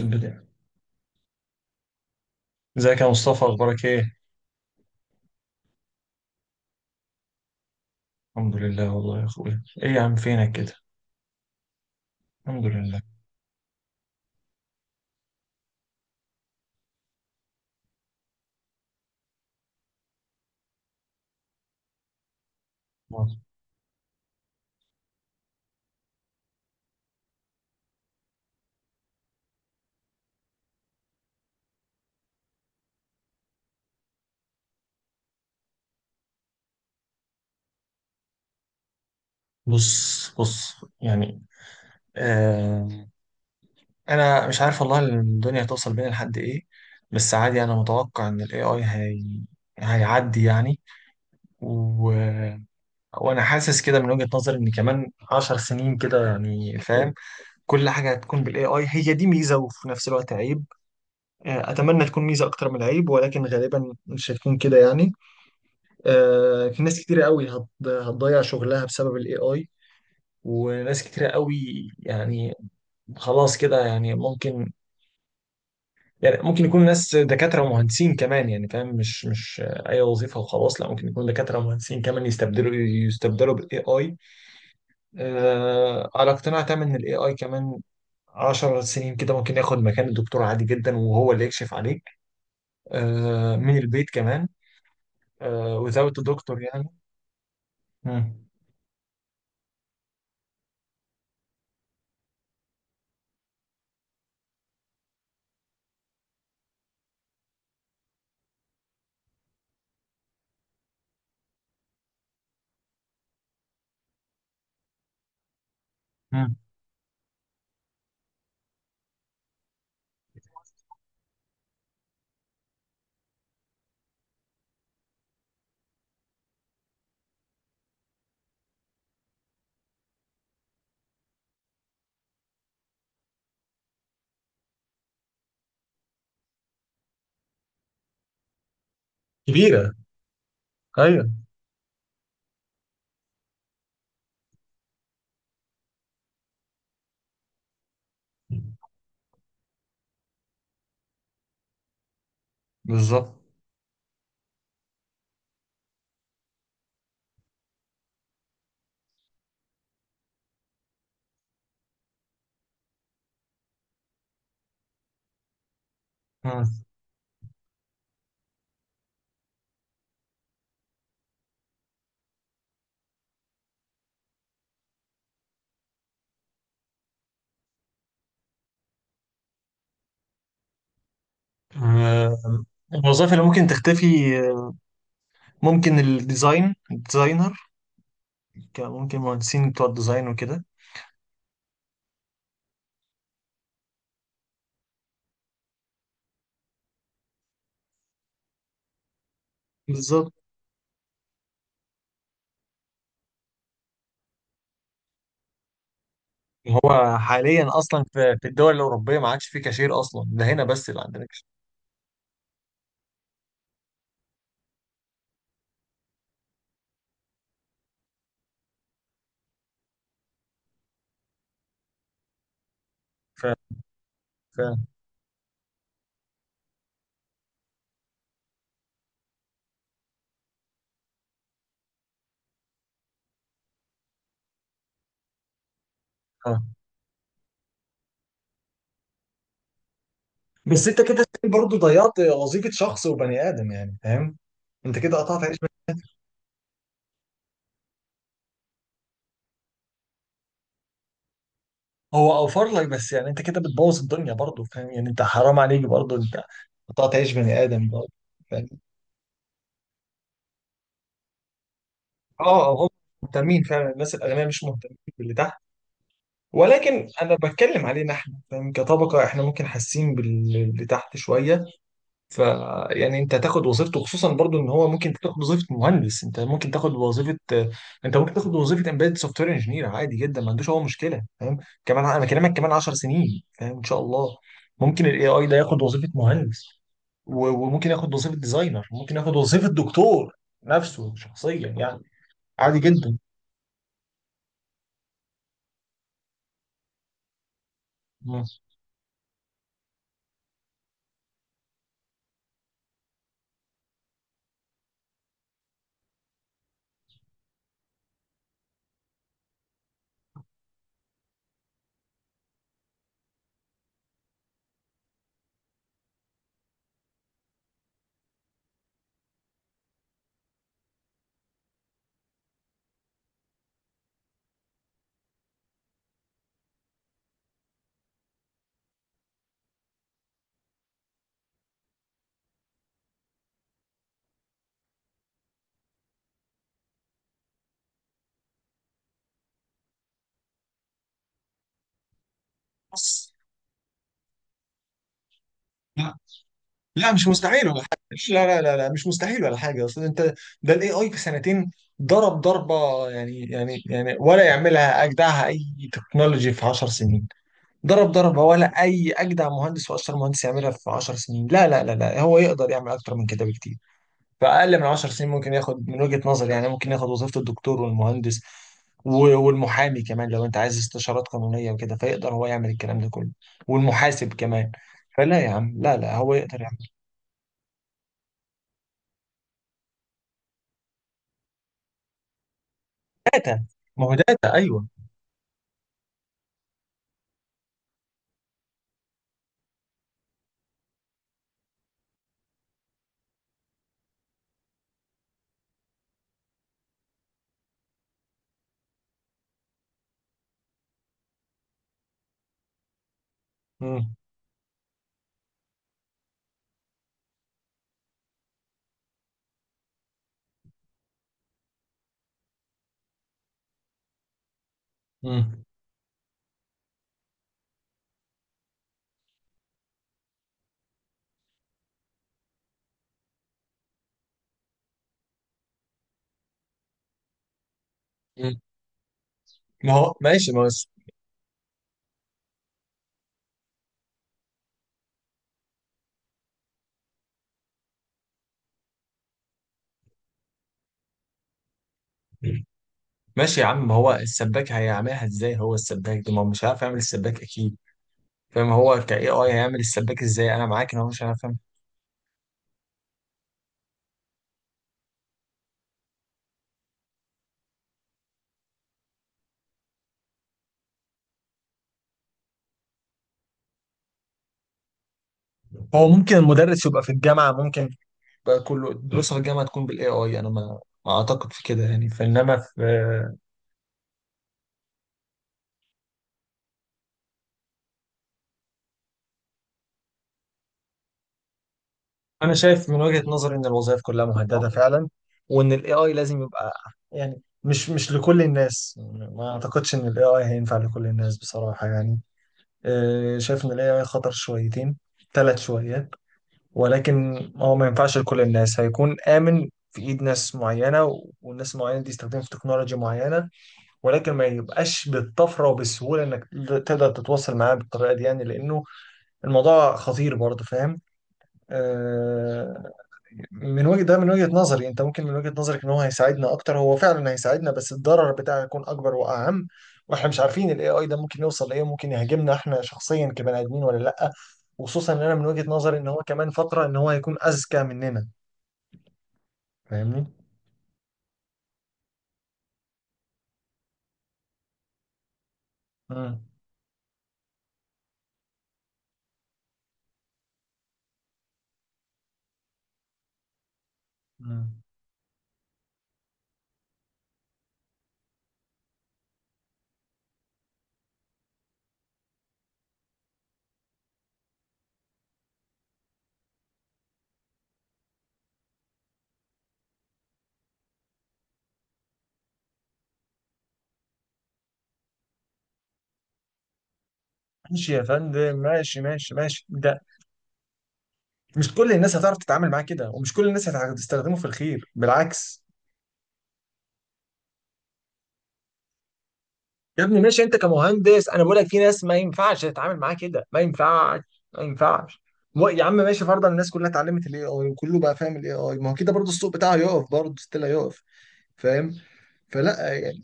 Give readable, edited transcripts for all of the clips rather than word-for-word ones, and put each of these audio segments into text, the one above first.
البداية. ازيك يا مصطفى؟ اخبارك ايه؟ الحمد لله والله يا اخويا. ايه يا عم فينك كده؟ الحمد لله. بص. يعني آه، انا مش عارف والله الدنيا توصل بينا لحد ايه. بس عادي انا متوقع ان الاي اي هيعدي يعني. و... وانا حاسس كده من وجهة نظري ان كمان عشر سنين كده يعني فاهم، كل حاجة هتكون بالاي اي، هي دي ميزة وفي نفس الوقت عيب. آه، اتمنى تكون ميزة اكتر من عيب، ولكن غالبا مش هتكون كده يعني. آه، في ناس كتيرة قوي هتضيع شغلها بسبب الاي اي، وناس كتيرة قوي يعني خلاص كده يعني ممكن. يعني ممكن يكون ناس دكاترة ومهندسين كمان، يعني فاهم، مش أي وظيفة وخلاص، لا ممكن يكون دكاترة ومهندسين كمان يستبدلوا بالاي اي. آه، على اقتناع تام إن الاي اي كمان 10 سنين كده ممكن ياخد مكان الدكتور عادي جدا، وهو اللي يكشف عليك. آه، من البيت كمان. آه، without a doctor يعني. مم. مم. كبيرة. ايوه. بالظبط. مم. آه، الوظائف اللي ممكن تختفي، آه، ممكن الديزاين، الديزاينر، ممكن مهندسين بتوع الديزاين وكده. بالظبط. هو حاليا اصلا في الدول الاوروبيه ما عادش في كاشير اصلا، ده هنا بس اللي عندنا كاشير. ف... ف... آه. بس انت كده برضه ضيعت وظيفه شخص وبني ادم، يعني فاهم. انت كده قطعت عيش بني- هو اوفر لك، بس يعني انت كده بتبوظ الدنيا برضه، فاهم يعني؟ انت حرام عليك برضه، انت قطعت عيش بني ادم برضه. اه. آه، هم مهتمين فعلا، الناس الاغنياء مش مهتمين باللي تحت. ولكن انا بتكلم علينا احنا، فاهم؟ كطبقه احنا ممكن حاسين باللي تحت شويه. ف يعني انت تاخد وظيفته، خصوصا برضو ان هو ممكن تاخد وظيفه مهندس، انت ممكن تاخد وظيفه، انت ممكن تاخد وظيفه امبيد سوفت وير انجينير عادي جدا، ما عندوش هو مشكله، فاهم. كمان انا بكلمك كمان 10 سنين، فاهم، ان شاء الله ممكن الاي اي ده ياخد وظيفه مهندس، وممكن ياخد وظيفه ديزاينر، ممكن ياخد وظيفه دكتور نفسه شخصيا يعني. عادي جدا. بص، لا لا، مش مستحيل ولا حاجه، لا لا لا لا، مش مستحيل ولا حاجه. اصل انت، ده الاي اي في سنتين ضرب ضربه، يعني يعني ولا يعملها اجدعها اي تكنولوجي في 10 سنين. ضرب ضربه ولا اي اجدع مهندس واشطر مهندس يعملها في 10 سنين، لا لا لا لا، هو يقدر يعمل اكتر من كده بكتير. فأقل من 10 سنين ممكن ياخد من وجهة نظري، يعني ممكن ياخد وظيفة الدكتور والمهندس، والمحامي كمان لو أنت عايز استشارات قانونية وكده، فيقدر هو يعمل الكلام ده كله. والمحاسب كمان. فلا يا عم، لا لا، هو يقدر يعمل. داتا. ما هو داتا أيوه. مم. مم. مم. ما هو ماشي، ما هو الس- ماشي يا عم، ما هو السباك هيعملها ازاي؟ هو السباك ده ما هو مش عارف يعمل السباك اكيد، فاهم. هو كاي اي هيعمل السباك ازاي؟ انا معاك ان هو مش عارف يعمل. هو ممكن المدرس يبقى في الجامعه، ممكن بقى كله دروس الجامعه تكون بالاي اي، انا ما ما اعتقد في كده يعني، فانما في. انا شايف من وجهه نظري ان الوظائف كلها مهدده فعلا، وان الاي اي لازم يبقى يعني مش لكل الناس. ما اعتقدش ان الاي اي هينفع لكل الناس بصراحه يعني. آه، شايف ان الاي اي خطر شويتين ثلاث شويات. ولكن هو ما ينفعش لكل الناس، هيكون امن في ايد ناس معينه، والناس المعينه دي يستخدموا في تكنولوجيا معينه. ولكن ما يبقاش بالطفره وبالسهوله انك تقدر تتواصل معاه بالطريقه دي يعني، لانه الموضوع خطير برضه، فاهم. آه، من وجهه ده، من وجهه نظري انت ممكن من وجهه نظرك ان هو هيساعدنا اكتر، هو فعلا هيساعدنا بس الضرر بتاعه هيكون اكبر واعم. واحنا مش عارفين الاي اي ده ممكن يوصل لايه، ممكن يهاجمنا احنا شخصيا كبني ادمين ولا لا. وخصوصا ان انا من وجهه نظري ان هو كمان فتره ان هو هيكون اذكى مننا. فاهمني؟ مم. مم. ماشي يا فندم، ماشي ماشي ماشي. ده مش كل الناس هتعرف تتعامل معاه كده، ومش كل الناس هتستخدمه في الخير، بالعكس. يا ابني ماشي، انت كمهندس انا بقول لك في ناس ما ينفعش تتعامل معاها كده، ما ينفعش ما ينفعش. يا عم ماشي، فرضا الناس كلها اتعلمت الاي اي وكله بقى فاهم الاي اي، ما هو كده برضه السوق بتاعه يقف برضه، ستيل هيقف. فاهم. فلا يعني،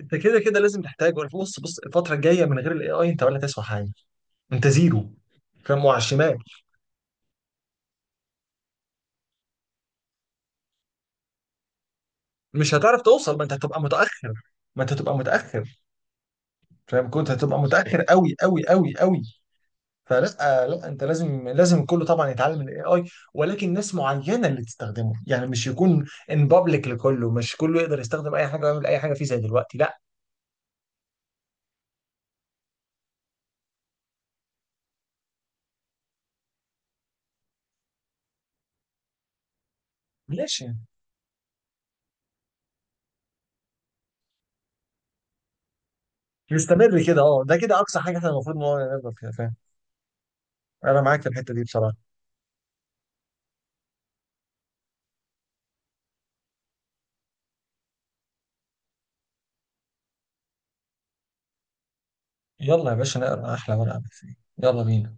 انت كده كده لازم تحتاج، بص، الفتره الجايه من غير الاي اي انت ولا تسوى حاجه، انت زيرو، فاهم، وعلى الشمال. مش هتعرف توصل، ما انت هتبقى متاخر، فاهم، كنت هتبقى متاخر قوي قوي قوي قوي. فلا، لا انت لازم لازم الكل طبعا يتعلم الاي اي، ولكن ناس معينه اللي تستخدمه، يعني مش يكون ان بابليك لكله، مش كله يقدر يستخدم اي حاجه ويعمل اي حاجه فيه زي دلوقتي، لا. ماشي، يستمر كده، اه، ده كده اقصى حاجه احنا المفروض ان هو نقدر فيها، فاهم. انا معاك في الحته دي بصراحه. يلا يا باشا، نقرا احلى ورقه فيه، يلا بينا.